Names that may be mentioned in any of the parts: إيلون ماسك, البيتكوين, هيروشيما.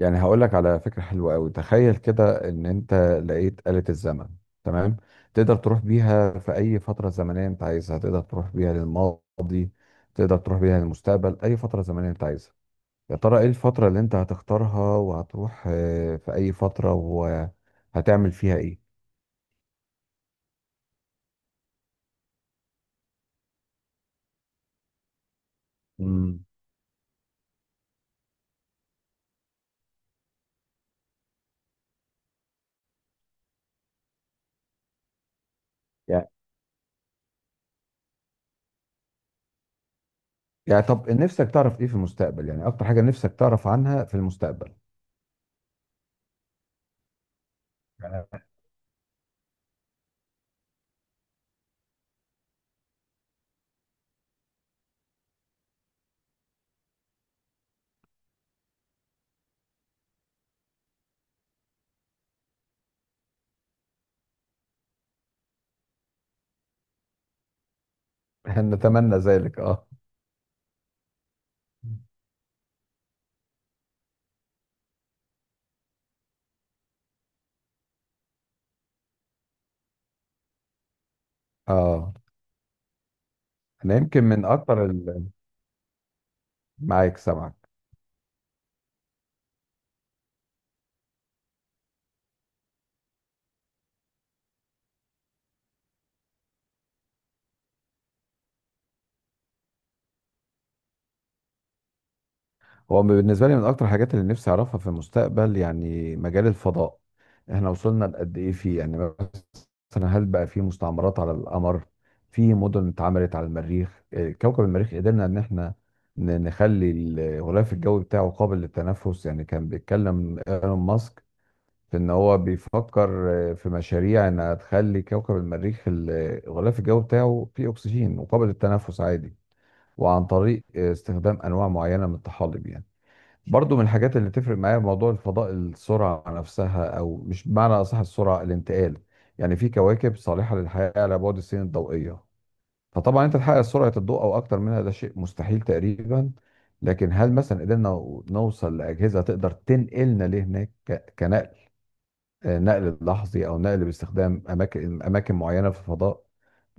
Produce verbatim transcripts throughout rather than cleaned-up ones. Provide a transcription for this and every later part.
يعني هقول لك على فكرة حلوة قوي. تخيل كده ان انت لقيت آلة الزمن. تمام. تقدر تروح بيها في اي فترة زمنية انت عايزها، تقدر تروح بيها للماضي، تقدر تروح بيها للمستقبل، اي فترة زمنية انت عايزها. يا ترى ايه الفترة اللي انت هتختارها وهتروح آه، في اي فترة وهتعمل فيها ايه؟ مم. يعني يعني طب نفسك تعرف ايه في المستقبل؟ يعني اكتر حاجة نفسك تعرف عنها في المستقبل. نتمنى ذلك. اه. اه انا يمكن من اكتر ال- معاك، سامعك. هو بالنسبة لي من أكتر الحاجات اللي نفسي أعرفها في المستقبل يعني مجال الفضاء. إحنا وصلنا لقد إيه فيه؟ يعني مثلا هل بقى في مستعمرات على القمر؟ في مدن اتعملت على المريخ؟ إيه، كوكب المريخ قدرنا إن إحنا ن- نخلي الغلاف الجوي بتاعه قابل للتنفس. يعني كان بيتكلم إيلون ماسك في إن هو بيفكر آه، في مشاريع إنها تخلي كوكب المريخ ال- الغلاف الجوي بتاعه فيه أكسجين وقابل للتنفس عادي، وعن طريق آه، استخدام أنواع معينة من الطحالب. يعني برضو من الحاجات اللي تفرق معايا موضوع الفضاء السرعة نفسها، أو مش بمعنى أصح السرعة الانتقال. يعني في كواكب صالحة للحياة على بعد السنين الضوئية، فطبعا أنت تحقق سرعة الضوء أو أكتر منها ده شيء مستحيل تقريبا. لكن هل مثلا قدرنا نوصل لأجهزة تقدر تنقلنا لهناك، ك- كنقل آه، نقل لحظي أو نقل باستخدام أماكن أماكن معينة في الفضاء،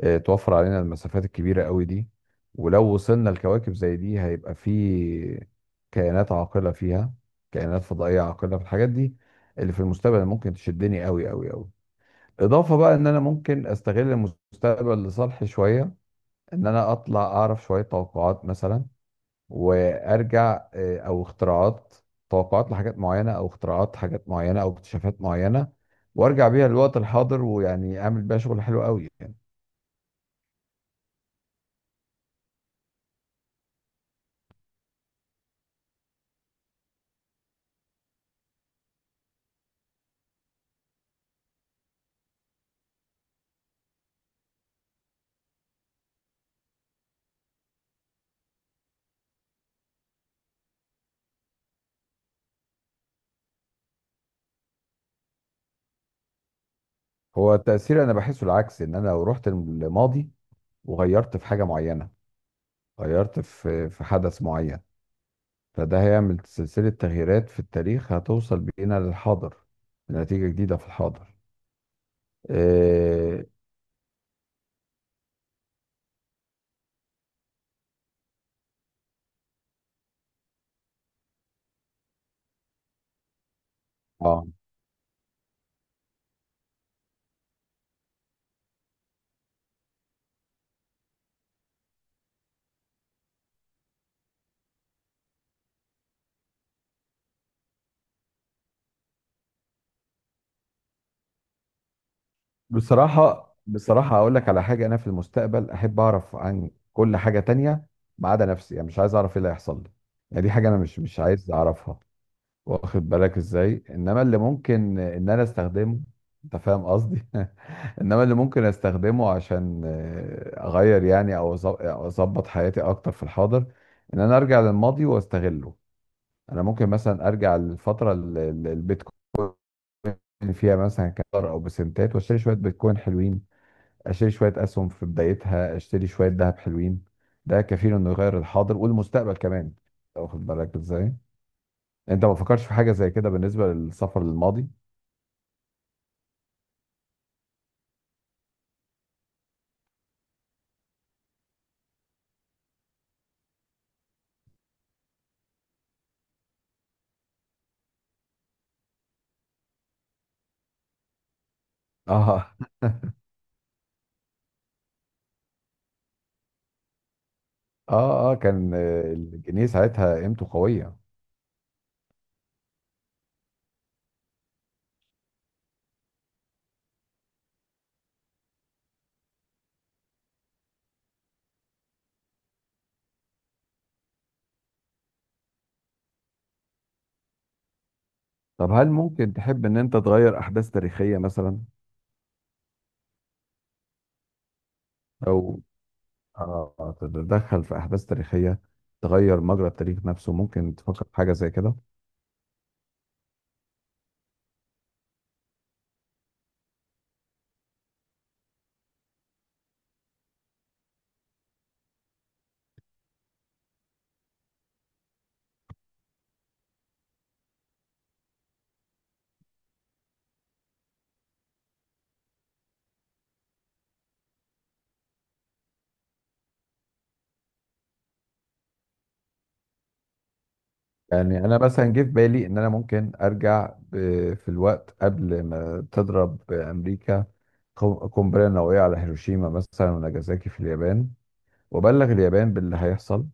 آه، توفر علينا المسافات الكبيرة قوي دي. ولو وصلنا لكواكب زي دي هيبقى في كائنات عاقلة فيها، كائنات فضائية عاقلة. في الحاجات دي اللي في المستقبل ممكن تشدني قوي قوي قوي. إضافة بقى إن أنا ممكن أستغل المستقبل لصالحي شوية، إن أنا أطلع أعرف شوية توقعات مثلا، وأرجع آه، أو اختراعات، توقعات لحاجات معينة أو اختراعات حاجات معينة أو اكتشافات معينة، وأرجع بيها للوقت الحاضر ويعني أعمل بيها شغل حلو قوي يعني. هو التأثير أنا بحسه العكس، إن أنا لو رحت الماضي وغيرت في حاجة معينة، غيرت في في حدث معين، فده هيعمل سلسلة تغييرات في التاريخ هتوصل بينا للحاضر، لنتيجة جديدة في الحاضر. آه. آه. بصراحة بصراحة أقول لك على حاجة، أنا في المستقبل أحب أعرف عن كل حاجة تانية ما عدا نفسي. يعني مش عايز أعرف إيه اللي هيحصل لي. يعني دي حاجة أنا مش مش عايز أعرفها، واخد بالك ازاي؟ انما اللي ممكن ان انا استخدمه، انت فاهم قصدي؟ انما اللي ممكن استخدمه عشان آه، اغير يعني، او أظ- أو اظبط حياتي اكتر في الحاضر، ان انا ارجع للماضي واستغله. انا ممكن مثلا ارجع للفتره اللي اللي البيتكوين فيها مثلا كان دولار او بسنتات، واشتري شويه بيتكوين حلوين، اشتري شويه اسهم في بدايتها، اشتري شويه ذهب حلوين. ده كفيل انه يغير الحاضر والمستقبل كمان، واخد بالك ازاي؟ انت ما فكرتش في حاجه زي كده بالنسبه للسفر للماضي؟ اه. اه اه كان آه، الجنيه ساعتها قيمته قوية. طب هل ممكن تحب ان انت تغير احداث تاريخية مثلا، او آه تتدخل في احداث تاريخية، تغير مجرى التاريخ نفسه؟ ممكن تفكر في حاجة زي كده؟ يعني انا مثلا جه في بالي ان انا ممكن ارجع ب- في الوقت قبل ما تضرب امريكا قو- قنبلة نووية على هيروشيما مثلا وناجازاكي في اليابان، وابلغ اليابان باللي هيحصل،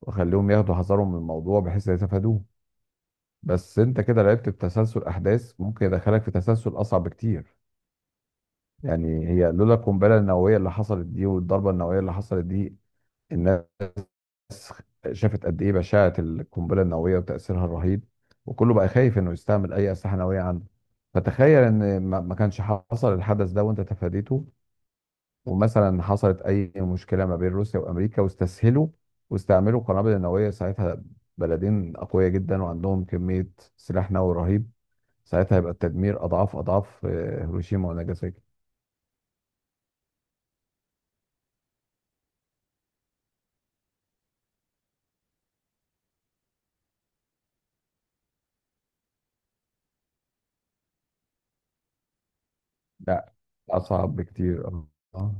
واخليهم ياخدوا حذرهم من الموضوع بحيث يتفادوه. بس انت كده لعبت بتسلسل احداث ممكن يدخلك في تسلسل اصعب بكتير. يعني هي لولا القنبله النوويه اللي حصلت دي والضربه النوويه اللي حصلت دي، الناس شافت قد ايه بشاعه القنبله النوويه وتاثيرها الرهيب، وكله بقى خايف انه يستعمل اي اسلحه نوويه عنده. فتخيل ان ما ما كانش حصل الحدث ده وانت تفاديته، ومثلا حصلت اي مشكله ما بين روسيا وامريكا، واستسهلوا واستعملوا القنابل النوويه ساعتها. بلدين اقوياء جدا وعندهم كميه سلاح نووي رهيب، ساعتها هيبقى التدمير اضعاف اضعاف آه، هيروشيما وناجازاكي. لا اصعب بكتير اه. آه.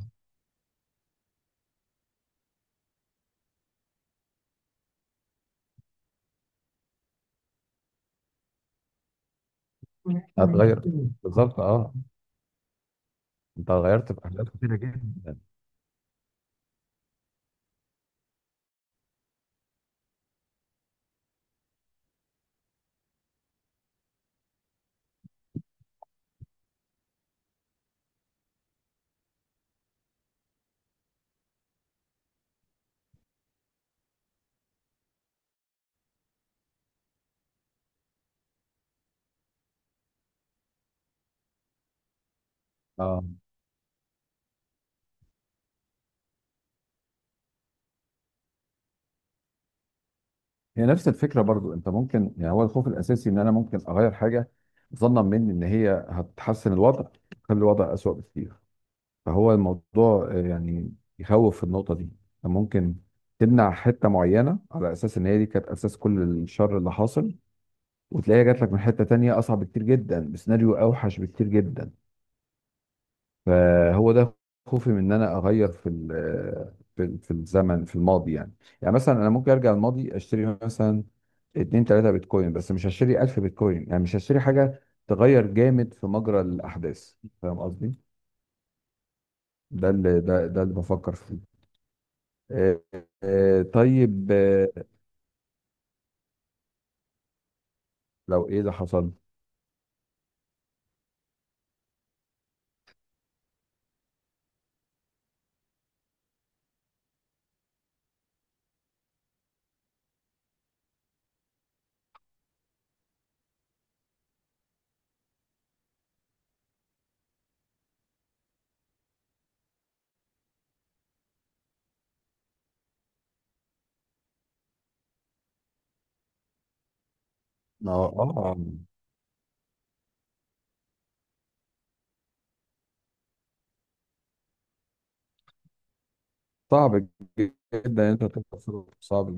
هتغير بالظبط اه. انت غيرت في احداث كتيره جدا. اه هي نفس الفكره برضو، انت ممكن يعني، هو الخوف الاساسي ان انا ممكن اغير حاجه ظنا مني ان هي هتحسن الوضع، تخلي الوضع اسوأ بكتير. فهو الموضوع آه، يعني يخوف في النقطه دي، أنت ممكن تمنع حته معينه على اساس ان هي دي كانت اساس كل الشر اللي حاصل، وتلاقيها جات لك من حتة تانية أصعب بكتير جدا بسيناريو أوحش بكتير جدا. فهو ده خوفي من إن أنا أغير في ال آه، في ال- في الزمن في الماضي يعني. يعني مثلا أنا ممكن أرجع الماضي أشتري مثلا اتنين تلاتة بيتكوين، بس مش هشتري ألف بيتكوين، يعني مش هشتري حاجة تغير جامد في مجرى الأحداث، فاهم قصدي؟ ده اللي ده ده اللي بفكر فيه. آه، آه، طيب، آه، لو إيه اللي حصل؟ اه آه، صعب جدا إن أنت تتصرف، صعب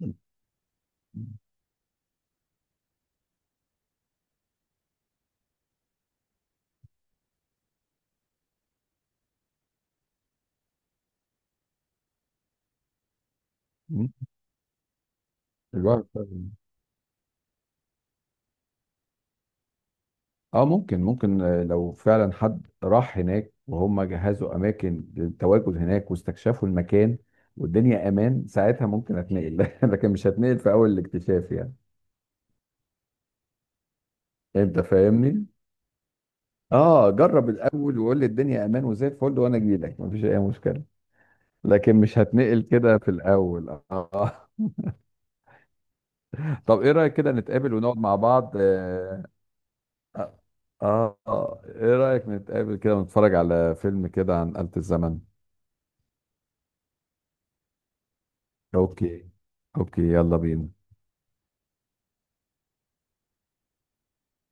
جدا. الواحد فعلا- اه ممكن ممكن آه، لو فعلا حد راح هناك وهم جهزوا اماكن للتواجد هناك واستكشفوا المكان والدنيا امان، ساعتها ممكن اتنقل. لكن مش هتنقل في اول الاكتشاف يعني. انت فاهمني. اه جرب الاول وقول لي الدنيا امان وزي الفل وانا اجي لك، مفيش اي مشكله. لكن مش هتنقل كده في الاول اه. طب ايه رايك كده نتقابل ونقعد مع بعض آه. اه، آه. آه. ايه رايك نتقابل كده ونتفرج على فيلم كده عن آلة الزمن؟ اوكي. اوكي يلا بينا.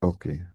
اوكي